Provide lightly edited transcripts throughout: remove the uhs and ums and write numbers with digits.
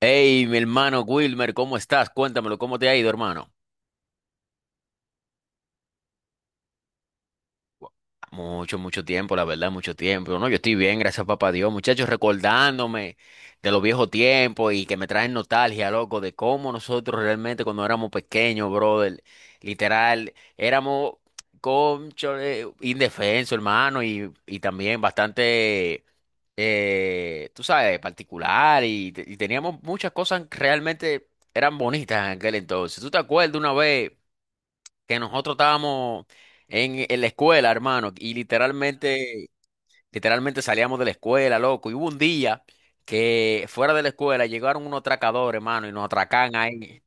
Hey, mi hermano Wilmer, ¿cómo estás? Cuéntamelo, ¿cómo te ha ido, hermano? Mucho, mucho tiempo, la verdad, mucho tiempo. No, yo estoy bien, gracias papá Dios. Muchachos, recordándome de los viejos tiempos y que me traen nostalgia, loco, de cómo nosotros realmente cuando éramos pequeños, brother, literal, éramos cónchale, indefensos, hermano, y también bastante, tú sabes, particular y teníamos muchas cosas que realmente eran bonitas en aquel entonces. ¿Tú te acuerdas una vez que nosotros estábamos en la escuela, hermano, y literalmente salíamos de la escuela, loco, y hubo un día que fuera de la escuela llegaron unos atracadores, hermano, y nos atracan ahí?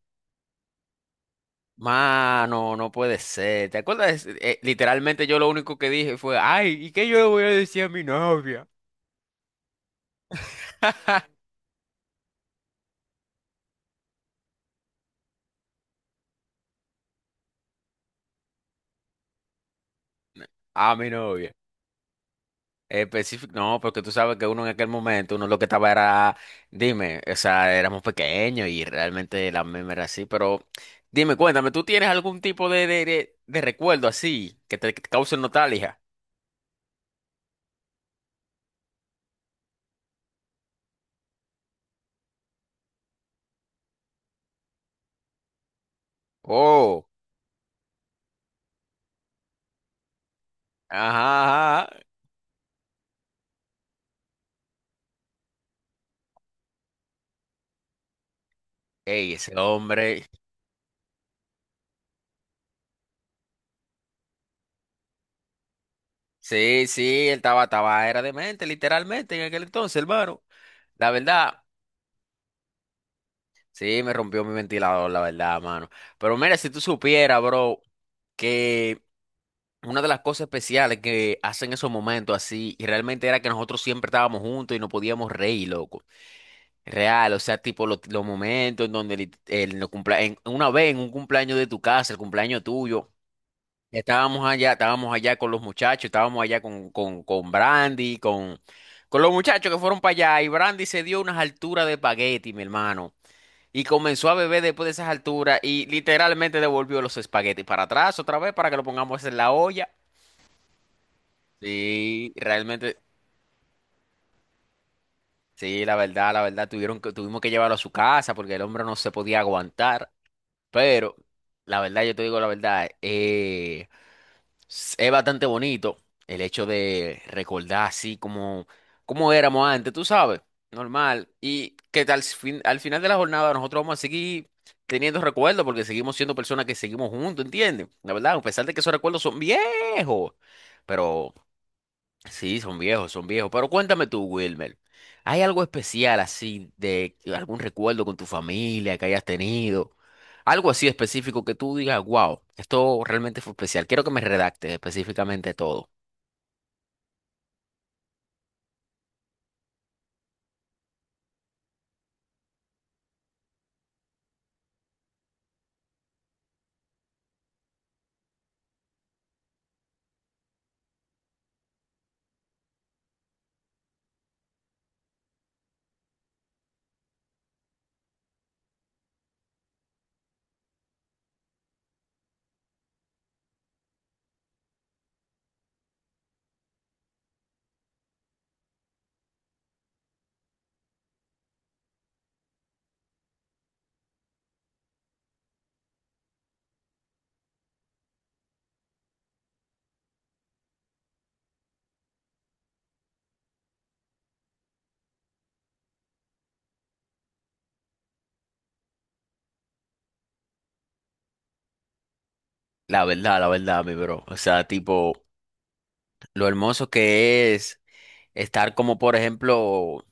Mano, no puede ser. ¿Te acuerdas? Literalmente yo lo único que dije fue, ay, ¿y qué yo le voy a decir a mi novia? A mi novia. Específico, no, porque tú sabes que uno en aquel momento, uno lo que estaba era, dime, o sea, éramos pequeños y realmente la meme era así, pero dime, cuéntame, ¿tú tienes algún tipo de recuerdo así que te cause nostalgia? Oh, ajá, ajá. Ey, ese hombre, sí, sí, él estaba, era demente, literalmente en aquel entonces, hermano, la verdad. Sí, me rompió mi ventilador, la verdad, mano. Pero mira, si tú supieras, bro, que una de las cosas especiales que hacen esos momentos así, y realmente era que nosotros siempre estábamos juntos y no podíamos reír, loco. Real, o sea, tipo los momentos en donde una vez en un cumpleaños de tu casa, el cumpleaños tuyo, estábamos allá con los muchachos, estábamos allá con Brandy, con los muchachos que fueron para allá, y Brandy se dio unas alturas de espagueti, mi hermano. Y comenzó a beber después de esas alturas y literalmente devolvió los espaguetis para atrás otra vez para que lo pongamos en la olla. Sí, realmente, sí, la verdad, tuvimos que llevarlo a su casa porque el hombre no se podía aguantar. Pero, la verdad, yo te digo la verdad. Es bastante bonito el hecho de recordar así como, como éramos antes, tú sabes, normal. Y que al final de la jornada nosotros vamos a seguir teniendo recuerdos porque seguimos siendo personas que seguimos juntos, ¿entiendes? La verdad, a pesar de que esos recuerdos son viejos, pero sí, son viejos, son viejos. Pero cuéntame tú, Wilmer, ¿hay algo especial así de algún recuerdo con tu familia que hayas tenido? Algo así específico que tú digas, wow, esto realmente fue especial. Quiero que me redactes específicamente todo. La verdad, mi bro. O sea, tipo, lo hermoso que es estar como, por ejemplo,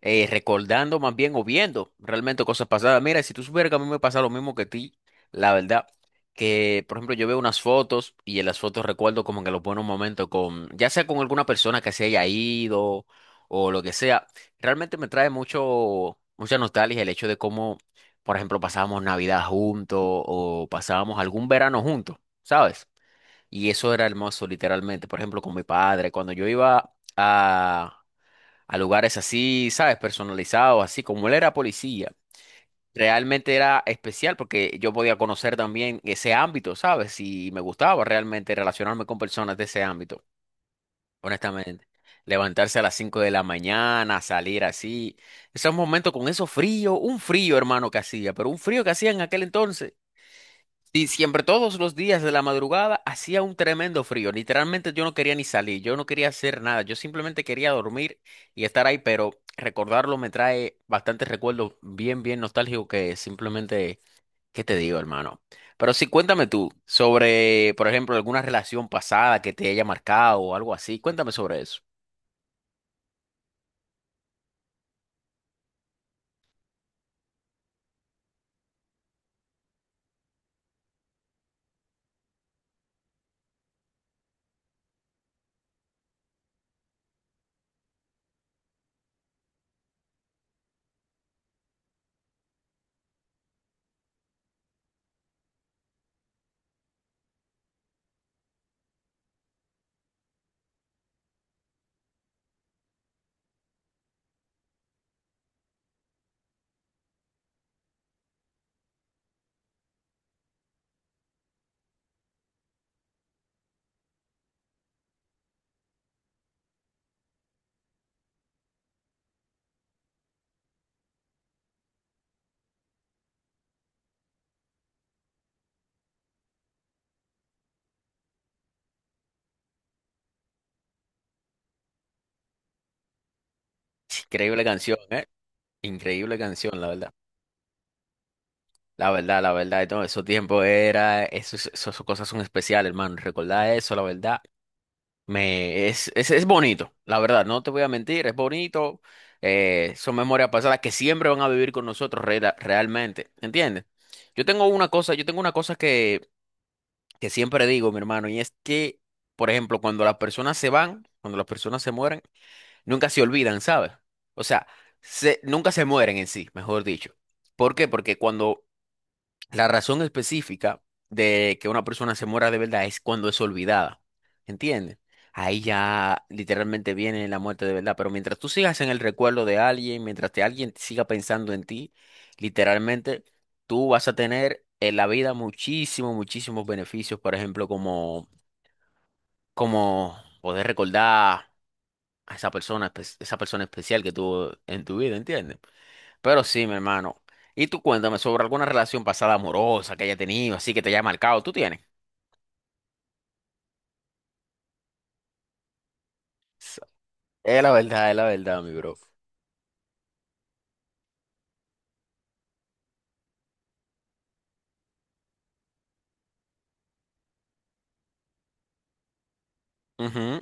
recordando más bien o viendo realmente cosas pasadas. Mira, si tú supieras que a mí me pasa lo mismo que a ti, la verdad, que por ejemplo yo veo unas fotos y en las fotos recuerdo como que los buenos momentos con, ya sea con alguna persona que se haya ido o lo que sea, realmente me trae mucha nostalgia el hecho de cómo, por ejemplo, pasábamos Navidad juntos o pasábamos algún verano juntos, ¿sabes? Y eso era hermoso, literalmente. Por ejemplo, con mi padre, cuando yo iba a lugares así, ¿sabes? Personalizados, así como él era policía. Realmente era especial porque yo podía conocer también ese ámbito, ¿sabes? Y me gustaba realmente relacionarme con personas de ese ámbito, honestamente. Levantarse a las 5 de la mañana, salir así. Esos momentos con eso frío, un frío, hermano, que hacía, pero un frío que hacía en aquel entonces. Y siempre, todos los días de la madrugada, hacía un tremendo frío. Literalmente yo no quería ni salir, yo no quería hacer nada, yo simplemente quería dormir y estar ahí, pero recordarlo me trae bastantes recuerdos bien, bien nostálgicos que simplemente, ¿qué te digo, hermano? Pero sí, cuéntame tú sobre, por ejemplo, alguna relación pasada que te haya marcado o algo así. Cuéntame sobre eso. Increíble canción, ¿eh? Increíble canción, la verdad. La verdad, la verdad, y todo esos tiempos era, esos- esas cosas son especiales, hermano. Recordar eso, la verdad. Me, es bonito, la verdad, no te voy a mentir, es bonito. Son memorias pasadas que siempre van a vivir con nosotros realmente, ¿entiendes? Yo tengo una cosa, que siempre digo, mi hermano, y es que, por ejemplo, cuando las personas se van, cuando las personas se mueren, nunca se olvidan, ¿sabes? O sea, nunca se mueren en sí, mejor dicho. ¿Por qué? Porque cuando la razón específica de que una persona se muera de verdad es cuando es olvidada. ¿Entiendes? Ahí ya literalmente viene la muerte de verdad. Pero mientras tú sigas en el recuerdo de alguien, mientras alguien siga pensando en ti, literalmente tú vas a tener en la vida muchísimos, muchísimos beneficios. Por ejemplo, como, como poder recordar a esa persona, esa persona especial que tuvo en tu vida, ¿entiendes? Pero sí, mi hermano. Y tú cuéntame sobre alguna relación pasada amorosa que haya tenido, así que te haya marcado. ¿Tú tienes? So- es la verdad, mi bro. Ujú,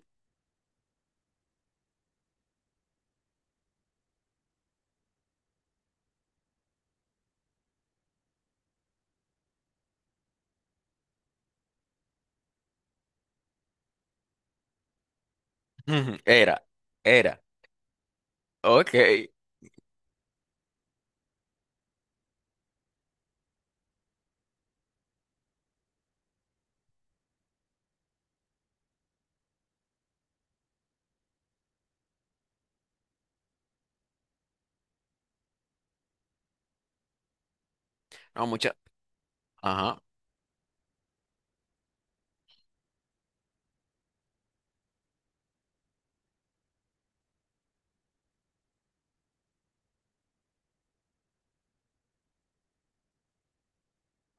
ujú. Era, era. Ok. No, mucha. Ajá.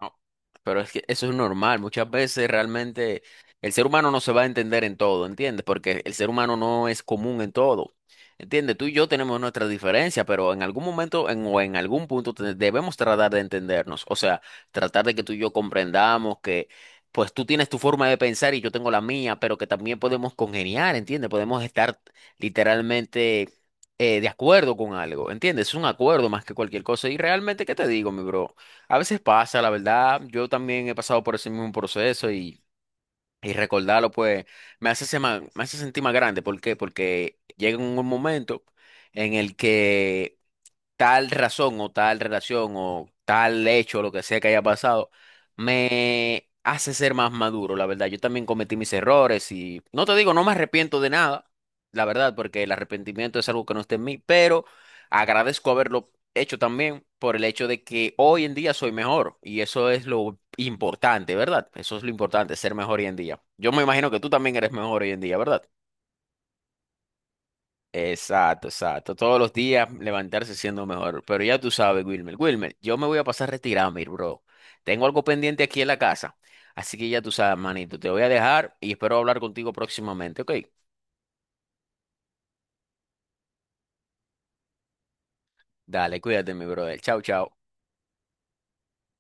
No, pero es que eso es normal. Muchas veces realmente el ser humano no se va a entender en todo, ¿entiendes? Porque el ser humano no es común en todo. ¿Entiendes? Tú y yo tenemos nuestras diferencias, pero en algún momento o en algún punto debemos tratar de entendernos. O sea, tratar de que tú y yo comprendamos que pues tú tienes tu forma de pensar y yo tengo la mía, pero que también podemos congeniar, ¿entiendes? Podemos estar literalmente de acuerdo con algo, ¿entiendes? Es un acuerdo más que cualquier cosa. Y realmente, ¿qué te digo, mi bro? A veces pasa, la verdad. Yo también he pasado por ese mismo proceso y recordarlo, pues, me hace, me hace sentir más grande. ¿Por qué? Porque llega un momento en el que tal razón o tal relación o tal hecho, lo que sea que haya pasado, me hace ser más maduro, la verdad. Yo también cometí mis errores y no te digo, no me arrepiento de nada, la verdad, porque el arrepentimiento es algo que no está en mí, pero agradezco haberlo hecho también por el hecho de que hoy en día soy mejor y eso es lo importante, ¿verdad? Eso es lo importante, ser mejor hoy en día. Yo me imagino que tú también eres mejor hoy en día, ¿verdad? Exacto, exacto. Todos los días levantarse siendo mejor. Pero ya tú sabes, Wilmer. Wilmer, yo me voy a pasar retirado, mi bro. Tengo algo pendiente aquí en la casa. Así que ya tú sabes, manito. Te voy a dejar y espero hablar contigo próximamente, ¿ok? Dale, cuídate, mi brother. Chao, chao.